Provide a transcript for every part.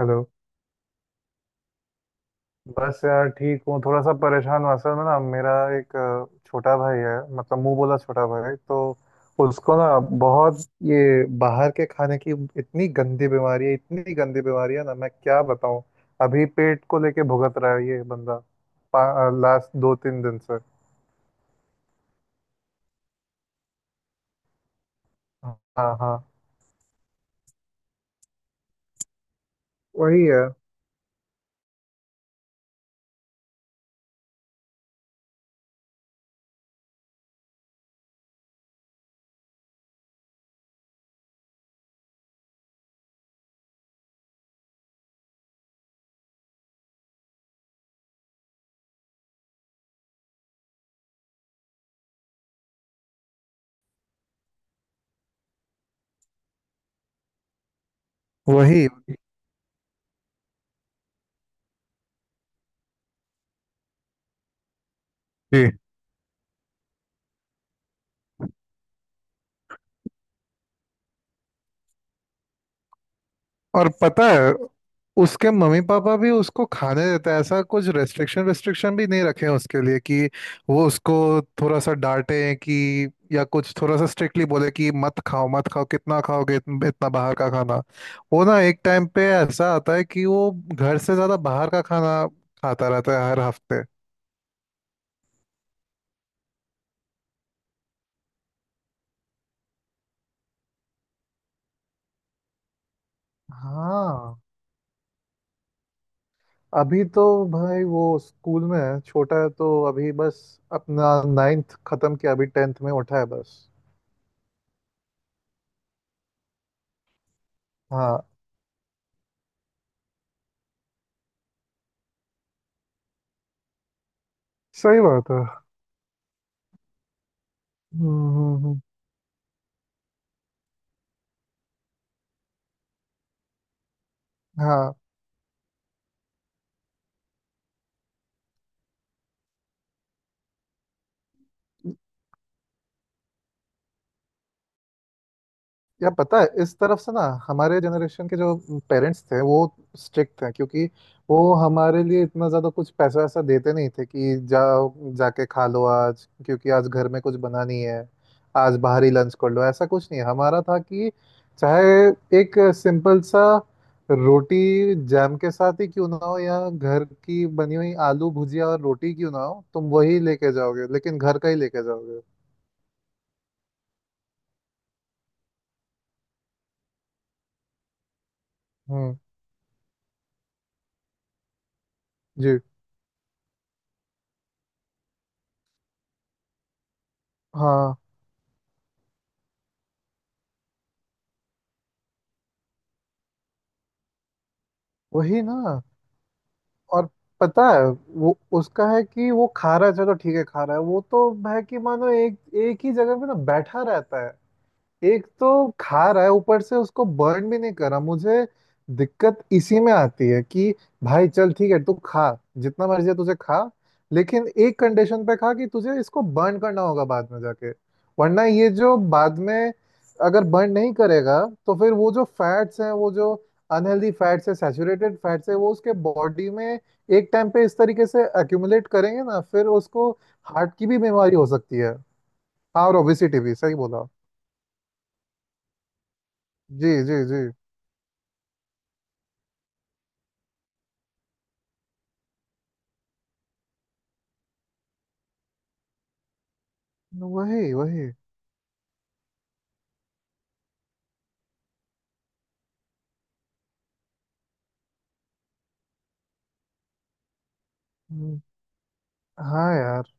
Hello. बस यार ठीक हूँ, थोड़ा सा परेशान हूँ। असल में ना मेरा एक छोटा भाई है। मतलब मुंह बोला छोटा भाई। तो उसको ना बहुत ये बाहर के खाने की इतनी गंदी बीमारी है, इतनी गंदी बीमारी है ना, मैं क्या बताऊँ। अभी पेट को लेके भुगत रहा है ये बंदा, लास्ट 2-3 दिन से। हाँ हाँ। वही है। वही। जी। और पता है, उसके मम्मी पापा भी उसको खाने देते हैं, ऐसा कुछ रेस्ट्रिक्शन रेस्ट्रिक्शन भी नहीं रखे हैं उसके लिए, कि वो उसको थोड़ा सा डांटे, कि या कुछ थोड़ा सा स्ट्रिक्टली बोले कि मत खाओ मत खाओ, कितना खाओगे इतना बाहर का खाना। वो ना, एक टाइम पे ऐसा आता है कि वो घर से ज्यादा बाहर का खाना खाता रहता है, हर हफ्ते। हाँ। अभी तो भाई वो स्कूल में है, छोटा है, तो अभी बस अपना नाइन्थ खत्म किया, अभी टेंथ में उठा है बस। हाँ। सही बात है। हम्म हम्म, हम्म। हाँ। या पता है, इस तरफ से ना, हमारे जनरेशन के जो पेरेंट्स थे वो स्ट्रिक्ट थे, क्योंकि वो हमारे लिए इतना ज़्यादा कुछ पैसा वैसा देते नहीं थे कि जाओ जाके खा लो आज, क्योंकि आज घर में कुछ बना नहीं है, आज बाहरी लंच कर लो, ऐसा कुछ नहीं है। हमारा था कि चाहे एक सिंपल सा रोटी जैम के साथ ही क्यों ना हो, या घर की बनी हुई आलू भुजिया और रोटी क्यों ना हो, तुम वही लेके जाओगे, लेकिन घर का ही लेके जाओगे। हम्म। जी। हाँ। वही ना। और पता है, वो उसका है कि वो खा रहा है, चलो ठीक है खा रहा है, वो तो है कि मानो एक एक ही जगह पे ना बैठा रहता है। एक तो खा रहा है, ऊपर से उसको बर्न भी नहीं कर रहा। मुझे दिक्कत इसी में आती है कि भाई चल ठीक है तू खा, जितना मर्जी है तुझे खा, लेकिन एक कंडीशन पे खा, कि तुझे इसको बर्न करना होगा बाद में जाके। वरना ये जो बाद में, अगर बर्न नहीं करेगा, तो फिर वो जो फैट्स हैं, वो जो अनहेल्दी फैट्स है, सैचुरेटेड फैट्स है, वो उसके बॉडी में एक टाइम पे इस तरीके से एक्यूमुलेट करेंगे ना, फिर उसको हार्ट की भी बीमारी हो सकती है। हाँ, और ओबेसिटी भी सही बोला। जी जी जी। वही वही। हम्म। हाँ यार।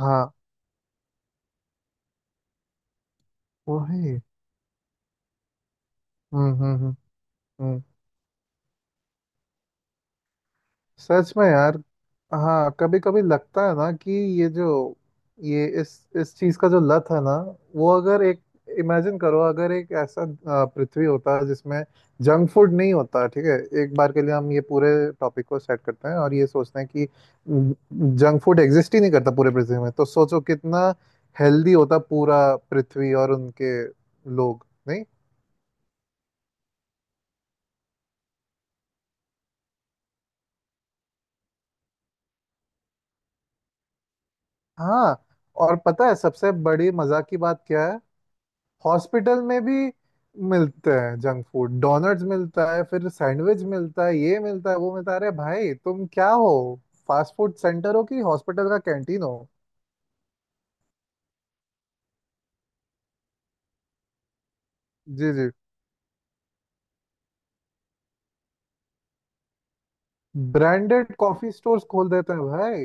हाँ। वही। हम्म। हम्म। सच में यार। हाँ, कभी कभी लगता है ना कि ये जो, ये इस चीज का जो लत है ना, वो अगर एक, इमेजिन करो अगर एक ऐसा पृथ्वी होता है जिसमें जंक फूड नहीं होता, ठीक है, एक बार के लिए हम ये पूरे टॉपिक को सेट करते हैं और ये सोचते हैं कि हम्म, जंक फूड एग्जिस्ट ही नहीं करता पूरे पृथ्वी में, तो सोचो कितना हेल्दी होता पूरा पृथ्वी और उनके लोग, नहीं। हाँ। और पता है, सबसे बड़ी मजा की बात क्या है, हॉस्पिटल में भी मिलते हैं जंक फूड। डोनट्स मिलता है, फिर सैंडविच मिलता है, ये मिलता है वो मिलता है। अरे भाई तुम क्या हो, फास्ट फूड सेंटर हो कि हॉस्पिटल का कैंटीन हो। जी जी। ब्रांडेड कॉफी स्टोर्स खोल देते हैं भाई।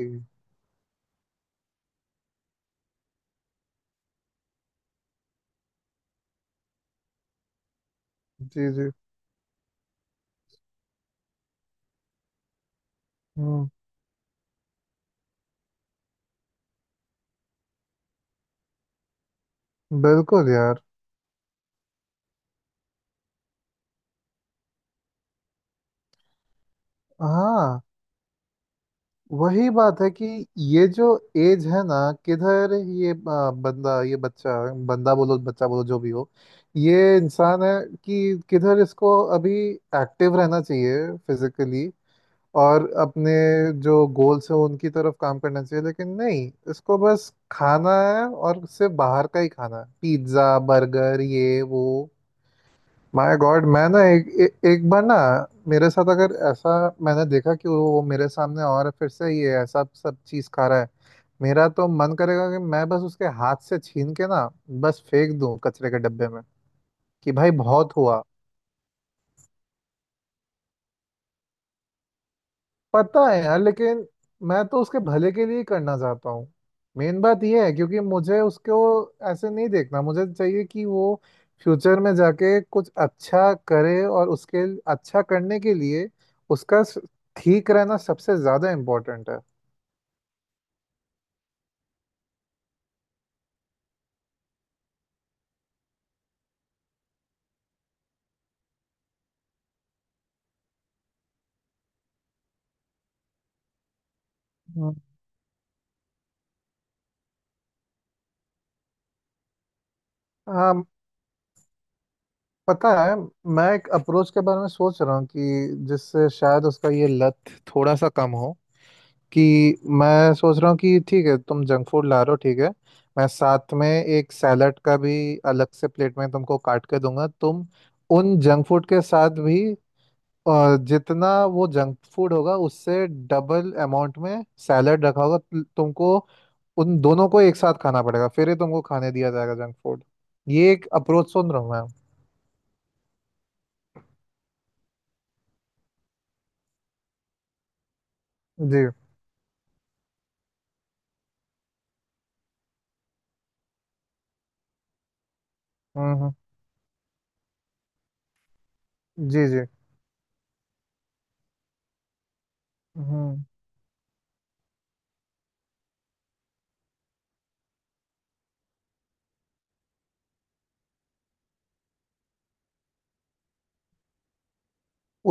जी जी। हम्म। बिल्कुल यार। हाँ, वही बात है कि ये जो एज है ना, किधर ये बंदा, ये बच्चा, बंदा बोलो बच्चा बोलो जो भी हो, ये इंसान है, कि किधर इसको अभी एक्टिव रहना चाहिए फिजिकली, और अपने जो गोल्स हैं उनकी तरफ काम करना चाहिए, लेकिन नहीं, इसको बस खाना है और सिर्फ बाहर का ही खाना है, पिज्ज़ा, बर्गर, ये वो। माय गॉड, मैं ना एक एक बार ना, मेरे साथ अगर ऐसा, मैंने देखा कि वो मेरे सामने और फिर से ये ऐसा सब चीज खा रहा है, मेरा तो मन करेगा कि मैं बस उसके हाथ से छीन के ना बस फेंक दूं कचरे के डब्बे में, कि भाई बहुत हुआ। पता है यार, लेकिन मैं तो उसके भले के लिए ही करना चाहता हूँ। मेन बात यह है, क्योंकि मुझे उसको ऐसे नहीं देखना, मुझे चाहिए कि वो फ्यूचर में जाके कुछ अच्छा करे, और उसके अच्छा करने के लिए उसका ठीक रहना सबसे ज़्यादा इम्पोर्टेंट है। हम्म। हाँ पता है, मैं एक अप्रोच के बारे में सोच रहा हूँ कि जिससे शायद उसका ये लत थोड़ा सा कम हो, कि मैं सोच रहा हूँ कि ठीक है तुम जंक फूड ला रहे हो, ठीक है, मैं साथ में एक सैलड का भी अलग से प्लेट में तुमको काट के दूंगा, तुम उन जंक फूड के साथ भी जितना वो जंक फूड होगा उससे डबल अमाउंट में सैलड रखा होगा, तुमको उन दोनों को एक साथ खाना पड़ेगा, फिर ही तुमको खाने दिया जाएगा जंक फूड। ये एक अप्रोच सुन रहा हूँ मैं। जी। हम्म हम्म, जी जी। हम्म।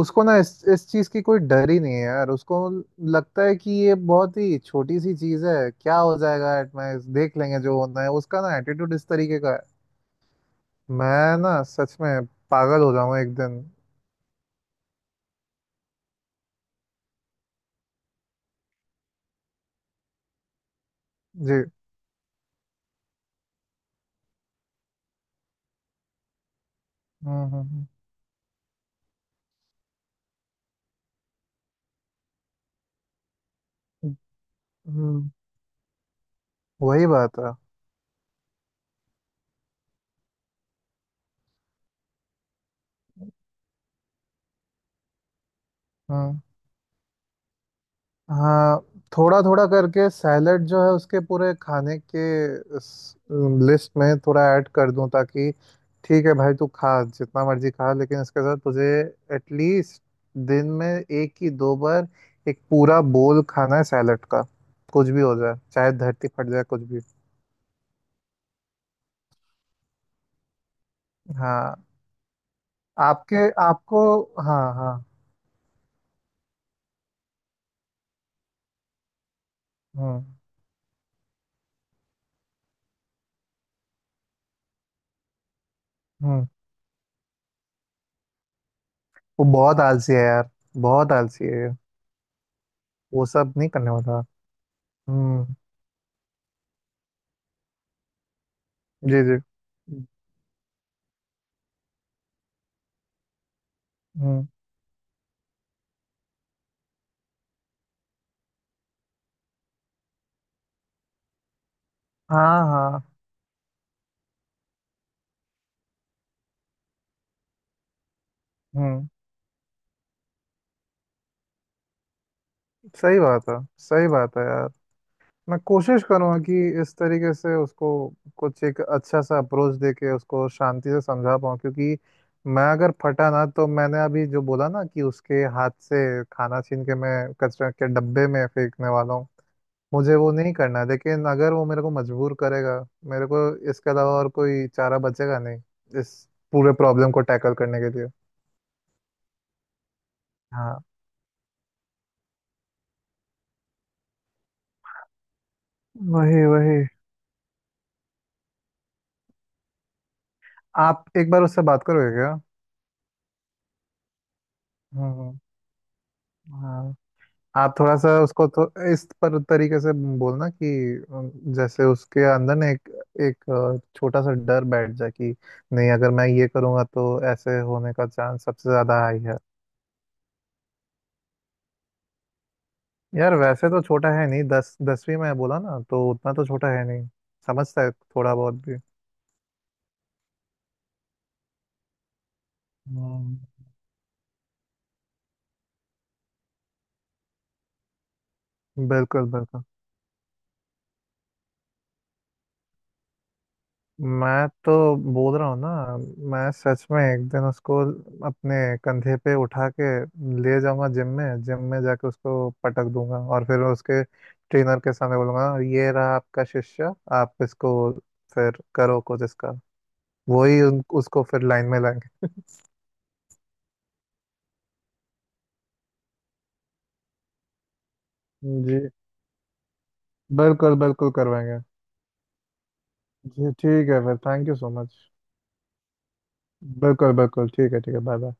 उसको ना इस चीज की कोई डर ही नहीं है यार, उसको लगता है कि ये बहुत ही छोटी सी चीज है, क्या हो जाएगा, एट में देख लेंगे जो होना है, उसका ना एटीट्यूड इस तरीके का है। मैं ना सच में पागल हो जाऊंगा एक दिन। जी। हम्म हम्म हम्म हम्म, हम्म। वही बात है। हम्म। हाँ, थोड़ा थोड़ा करके सैलेड जो है उसके पूरे खाने के लिस्ट में थोड़ा ऐड कर दूं, ताकि ठीक है भाई तू खा, जितना मर्जी खा, लेकिन इसके साथ तुझे एटलीस्ट दिन में एक ही दो बार एक पूरा बोल खाना है सैलेड का, कुछ भी हो जाए, चाहे धरती फट जाए, कुछ भी। हाँ। आपके आपको। हाँ हाँ। हम्म हम्म। वो बहुत आलसी है यार, बहुत आलसी है, वो सब नहीं करने वाला। हम्म। जी जी। हम्म। हाँ हाँ। हम्म। सही बात है, सही बात है यार। मैं कोशिश करूँगा कि इस तरीके से उसको कुछ एक अच्छा सा अप्रोच दे के उसको शांति से समझा पाऊँ, क्योंकि मैं अगर फटा ना, तो मैंने अभी जो बोला ना कि उसके हाथ से खाना छीन के मैं कचरा के डब्बे में फेंकने वाला हूँ, मुझे वो नहीं करना है, लेकिन अगर वो मेरे को मजबूर करेगा, मेरे को इसके अलावा और कोई चारा बचेगा नहीं, इस पूरे प्रॉब्लम को टैकल करने के लिए। हाँ। वही वही। आप एक बार उससे बात करोगे क्या? हम्म। हाँ। आप थोड़ा सा उसको तो इस पर तरीके से बोलना, कि जैसे उसके अंदर ना एक एक छोटा सा डर बैठ जाए कि नहीं, अगर मैं ये करूँगा तो ऐसे होने का चांस सबसे ज़्यादा हाई है। यार वैसे तो छोटा है नहीं, दस 10वीं में बोला ना, तो उतना तो छोटा है नहीं, समझता है थोड़ा बहुत भी। हम्म। बिल्कुल बिल्कुल। मैं तो बोल रहा हूँ ना, मैं सच में एक दिन उसको अपने कंधे पे उठा के ले जाऊंगा जिम में, जिम में जाके उसको पटक दूंगा और फिर उसके ट्रेनर के सामने बोलूंगा, ये रहा आपका शिष्य, आप इसको फिर करो कुछ इसका। वही उसको फिर लाइन में लाएंगे। जी। बिल्कुल बिल्कुल करवाएंगे। जी ठीक है फिर। Thank you so much. बिल्कुल बिल्कुल, ठीक है ठीक है। Bye bye.